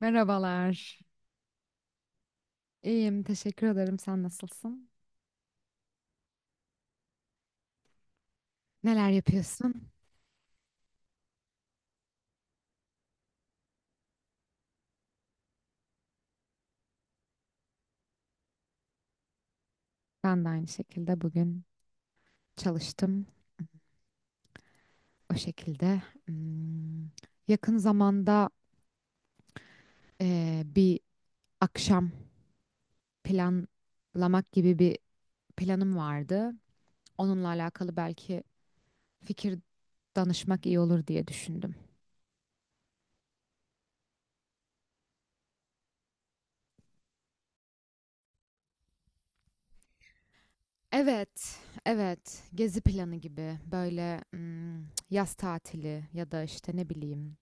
Merhabalar. İyiyim, teşekkür ederim. Sen nasılsın? Neler yapıyorsun? Ben de aynı şekilde bugün çalıştım. O şekilde. Yakın zamanda bir akşam planlamak gibi bir planım vardı. Onunla alakalı belki fikir danışmak iyi olur diye düşündüm. Evet, evet. Gezi planı gibi böyle yaz tatili ya da işte ne bileyim,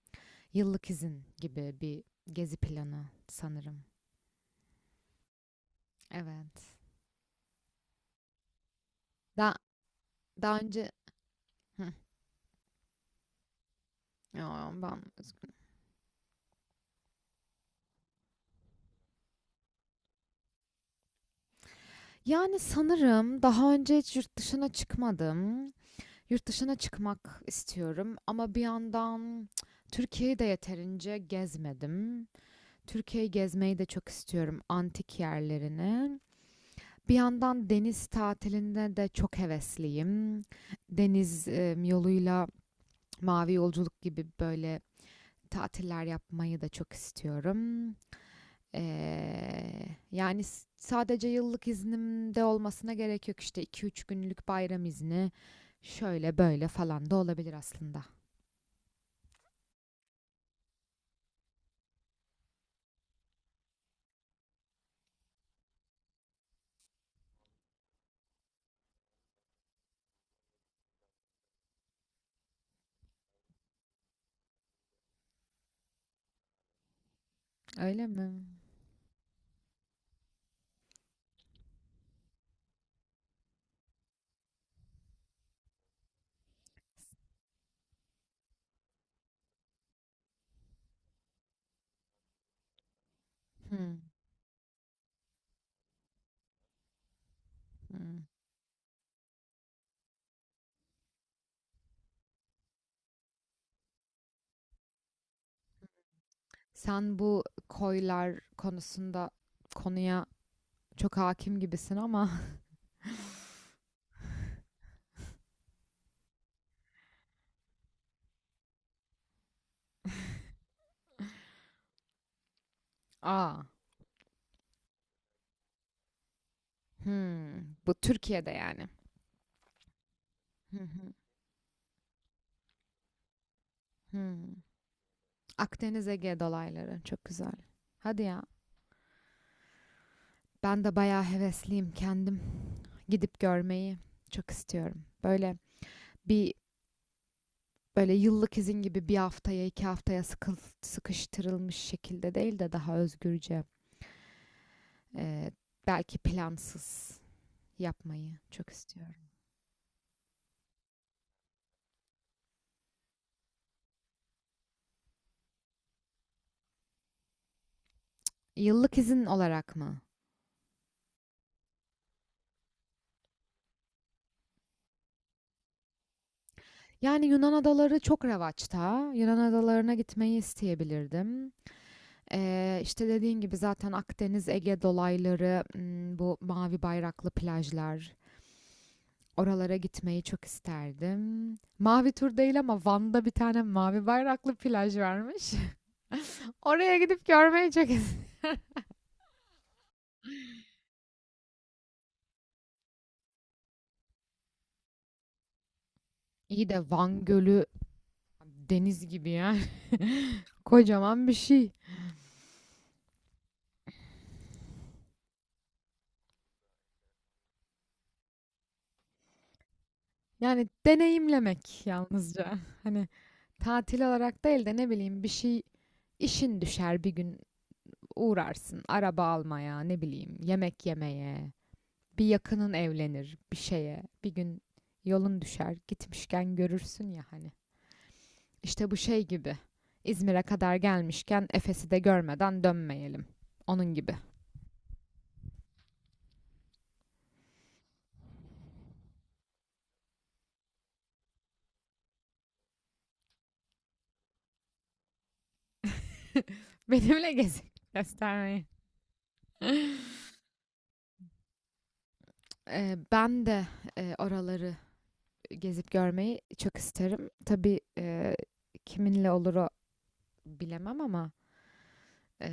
yıllık izin gibi bir gezi planı sanırım. Evet. Daha, daha önce Hı, ya ben yani sanırım daha önce hiç yurt dışına çıkmadım. Yurt dışına çıkmak istiyorum ama bir yandan Türkiye'yi de yeterince gezmedim. Türkiye'yi gezmeyi de çok istiyorum, antik yerlerini. Bir yandan deniz tatiline de çok hevesliyim. Deniz yoluyla Mavi Yolculuk gibi böyle tatiller yapmayı da çok istiyorum. Yani sadece yıllık iznimde olmasına gerek yok, işte 2-3 günlük bayram izni şöyle böyle falan da olabilir aslında. Öyle mi? Hmm, hmm. Sen bu koylar konuya çok hakim gibisin ama. Aa, bu Türkiye'de yani. Hı hı, hmm. Akdeniz Ege dolayları çok güzel. Hadi ya. Ben de bayağı hevesliyim. Kendim gidip görmeyi çok istiyorum. Bir böyle yıllık izin gibi, bir haftaya 2 haftaya sıkıştırılmış şekilde değil de daha özgürce, e, belki plansız yapmayı çok istiyorum. Yıllık izin olarak mı? Yani Yunan adaları çok revaçta. Yunan adalarına gitmeyi isteyebilirdim. İşte dediğin gibi zaten Akdeniz, Ege dolayları, bu mavi bayraklı plajlar, oralara gitmeyi çok isterdim. Mavi tur değil ama Van'da bir tane mavi bayraklı plaj varmış. Oraya gidip görmeyi çok isterdim. İyi de Van Gölü deniz gibi yani. Kocaman bir şey. Yani deneyimlemek yalnızca. Hani tatil olarak değil de, ne bileyim, bir şey, işin düşer bir gün uğrarsın. Araba almaya, ne bileyim, yemek yemeye. Bir yakının evlenir bir şeye. Bir gün yolun düşer, gitmişken görürsün ya hani. İşte bu şey gibi. İzmir'e kadar gelmişken Efes'i de görmeden dönmeyelim. Onun gibi. Benimle gezip göstermeyi. Ben de oraları gezip görmeyi çok isterim. Tabii, kiminle olur o bilemem ama e,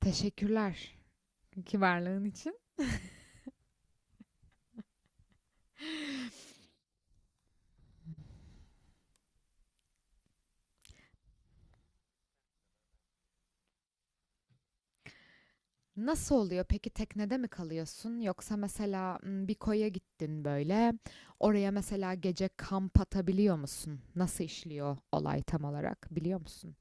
teşekkürler ki varlığın için. Nasıl oluyor? Peki teknede mi kalıyorsun? Yoksa mesela bir koya gittin böyle. Oraya mesela gece kamp atabiliyor musun? Nasıl işliyor olay, tam olarak biliyor musun?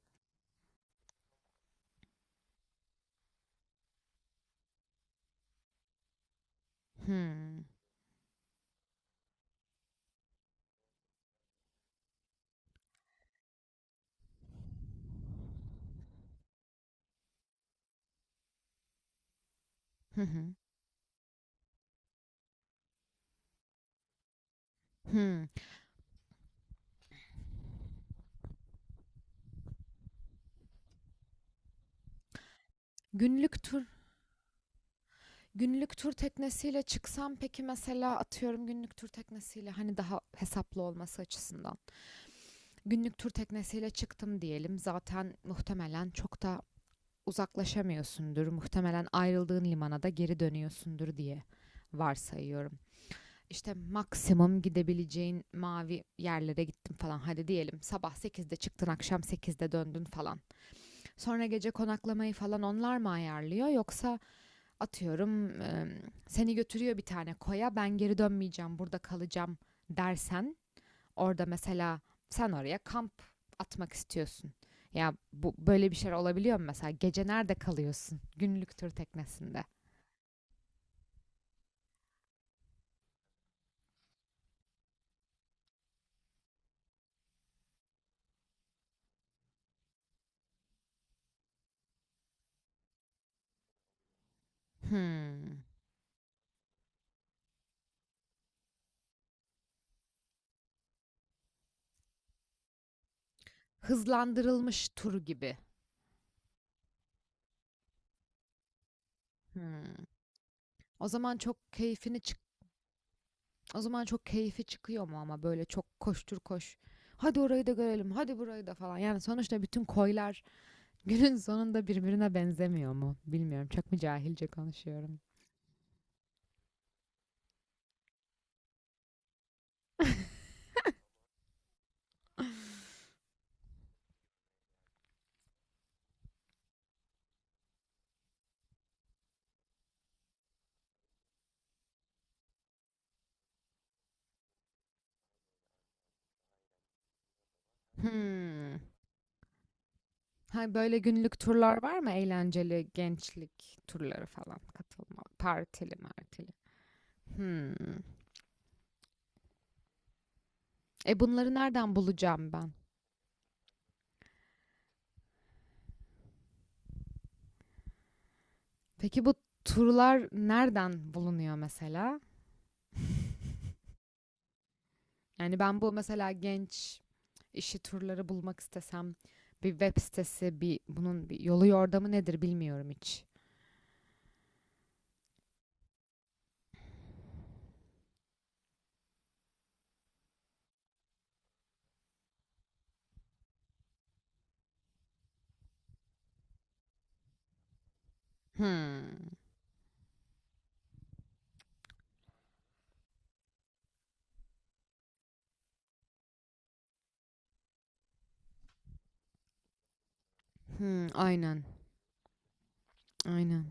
Hmm. Hı hı. Hmm. Günlük tur, günlük tur teknesiyle çıksam, peki mesela, atıyorum günlük tur teknesiyle, hani daha hesaplı olması açısından. Günlük tur teknesiyle çıktım diyelim. Zaten muhtemelen çok da uzaklaşamıyorsundur. Muhtemelen ayrıldığın limana da geri dönüyorsundur diye varsayıyorum. İşte maksimum gidebileceğin mavi yerlere gittim falan. Hadi diyelim, sabah 8'de çıktın, akşam 8'de döndün falan. Sonra gece konaklamayı falan onlar mı ayarlıyor, yoksa atıyorum seni götürüyor bir tane koya, ben geri dönmeyeceğim, burada kalacağım dersen, orada mesela sen oraya kamp atmak istiyorsun. Ya bu böyle bir şey olabiliyor mu mesela? Gece nerede kalıyorsun? Günlük tur teknesinde. Hmm. Hızlandırılmış tur gibi. Hmm. O zaman çok keyfini çık o zaman çok keyfi çıkıyor mu ama, böyle çok koştur koş? Hadi orayı da görelim, hadi burayı da falan. Yani sonuçta bütün koylar günün sonunda birbirine benzemiyor mu? Bilmiyorum. Çok mu cahilce konuşuyorum? Hmm. Ha, böyle günlük turlar var mı? Eğlenceli gençlik turları falan, katılma. Partili martili. Hmm. Bunları nereden bulacağım ben? Peki bu turlar nereden bulunuyor mesela? Yani ben bu mesela genç işi turları bulmak istesem, bir web sitesi, bunun bir yolu yordamı nedir bilmiyorum hiç. Hmm, aynen. Aynen.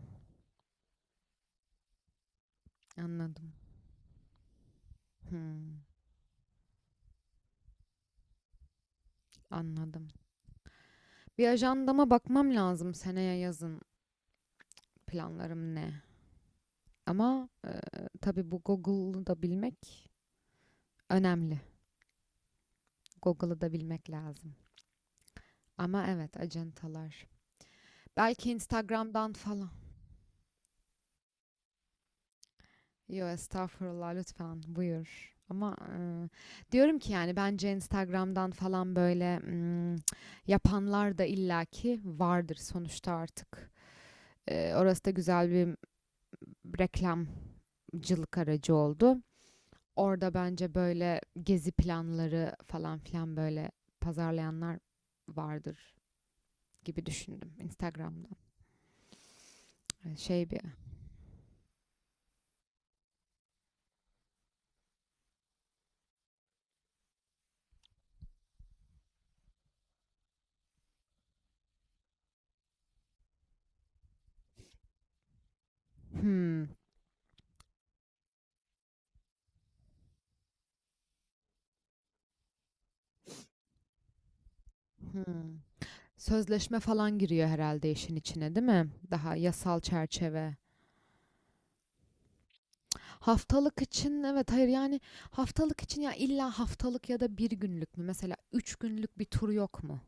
Anladım. Hmm, anladım. Bir ajandama bakmam lazım, seneye yazın planlarım ne? Ama tabii, bu Google'u da bilmek önemli. Google'ı da bilmek lazım. Ama evet, acentalar. Belki Instagram'dan falan. Yo, estağfurullah, lütfen buyur. Ama diyorum ki, yani bence Instagram'dan falan böyle yapanlar da illaki vardır sonuçta artık. Orası da güzel bir reklamcılık aracı oldu. Orada bence böyle gezi planları falan filan böyle pazarlayanlar vardır gibi düşündüm, Instagram'da. Şey bir Hmm, hmm. Sözleşme falan giriyor herhalde işin içine, değil mi? Daha yasal çerçeve. Haftalık için evet, hayır yani, haftalık için, ya illa haftalık ya da bir günlük mü? Mesela üç günlük bir tur yok mu?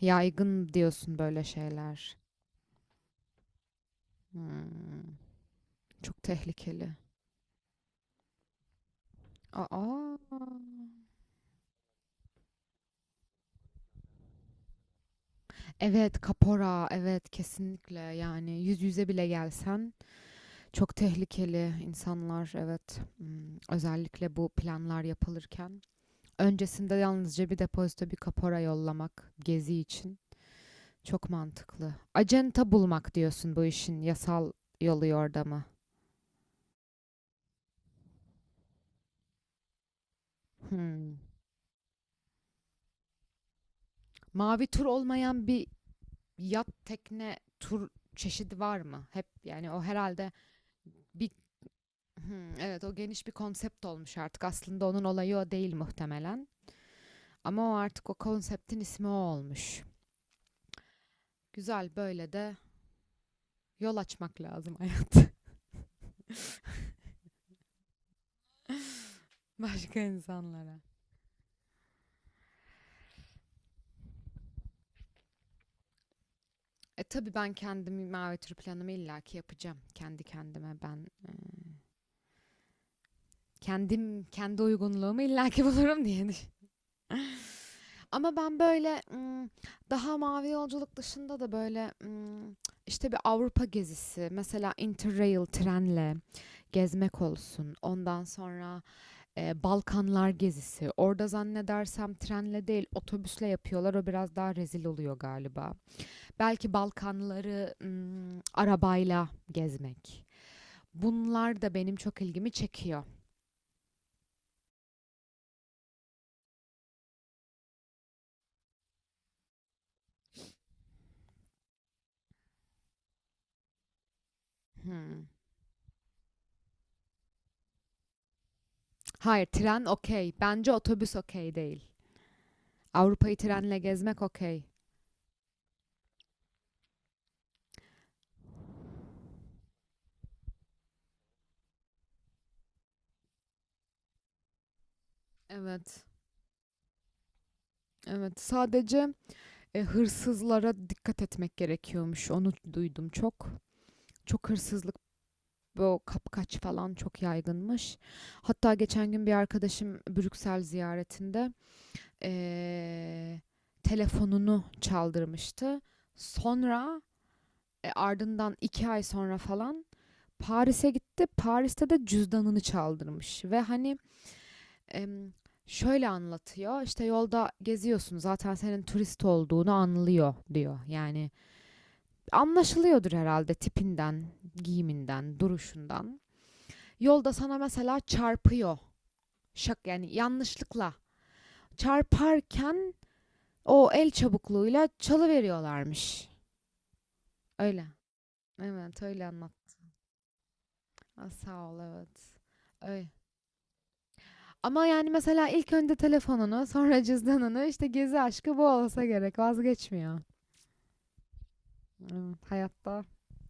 Yaygın diyorsun böyle şeyler. Hmm, çok tehlikeli. Aa. Evet, kapora, evet, kesinlikle, yani yüz yüze bile gelsen çok tehlikeli insanlar, evet. Hmm, özellikle bu planlar yapılırken öncesinde yalnızca bir depozito, bir kapora yollamak gezi için çok mantıklı. Acenta bulmak diyorsun, bu işin yasal yolu yordamı. Hmm. Mavi tur olmayan bir yat, tekne tur çeşidi var mı? Hep yani, o herhalde bir. Hmm, evet, o geniş bir konsept olmuş artık. Aslında onun olayı o değil muhtemelen. Ama o artık o konseptin ismi o olmuş. Güzel, böyle de yol açmak lazım başka insanlara. Tabii ben kendimi mavi tür planımı illaki yapacağım. Kendi kendime ben, e, kendi uygunluğumu illaki bulurum diye düşün- Ama ben böyle daha mavi yolculuk dışında da böyle işte bir Avrupa gezisi, mesela Interrail, trenle gezmek olsun, ondan sonra, Balkanlar gezisi. Orada zannedersem trenle değil, otobüsle yapıyorlar. O biraz daha rezil oluyor galiba. Belki Balkanları, arabayla gezmek. Bunlar da benim çok ilgimi çekiyor. Hımm. Hayır, tren okay. Bence otobüs okay değil. Avrupa'yı trenle gezmek okay. Evet, evet. Sadece, hırsızlara dikkat etmek gerekiyormuş. Onu duydum çok. Çok hırsızlık, bu kapkaç falan çok yaygınmış. Hatta geçen gün bir arkadaşım Brüksel ziyaretinde eee, telefonunu çaldırmıştı. Sonra, ardından 2 ay sonra falan Paris'e gitti. Paris'te de cüzdanını çaldırmış ve hani, em, şöyle anlatıyor: işte yolda geziyorsun, zaten senin turist olduğunu anlıyor diyor. Yani anlaşılıyordur herhalde tipinden, giyiminden, duruşundan. Yolda sana mesela çarpıyor şak, yani yanlışlıkla çarparken, o el çabukluğuyla çalıveriyorlarmış. Öyle. Evet, öyle anlat. Ha, sağ ol, evet. Öyle. Ama yani mesela ilk önce telefonunu, sonra cüzdanını, işte gezi aşkı bu olsa gerek, vazgeçmiyor. Evet, hayatta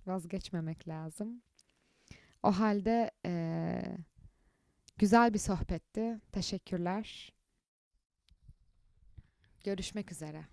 vazgeçmemek lazım. O halde, güzel bir sohbetti. Teşekkürler. Görüşmek üzere.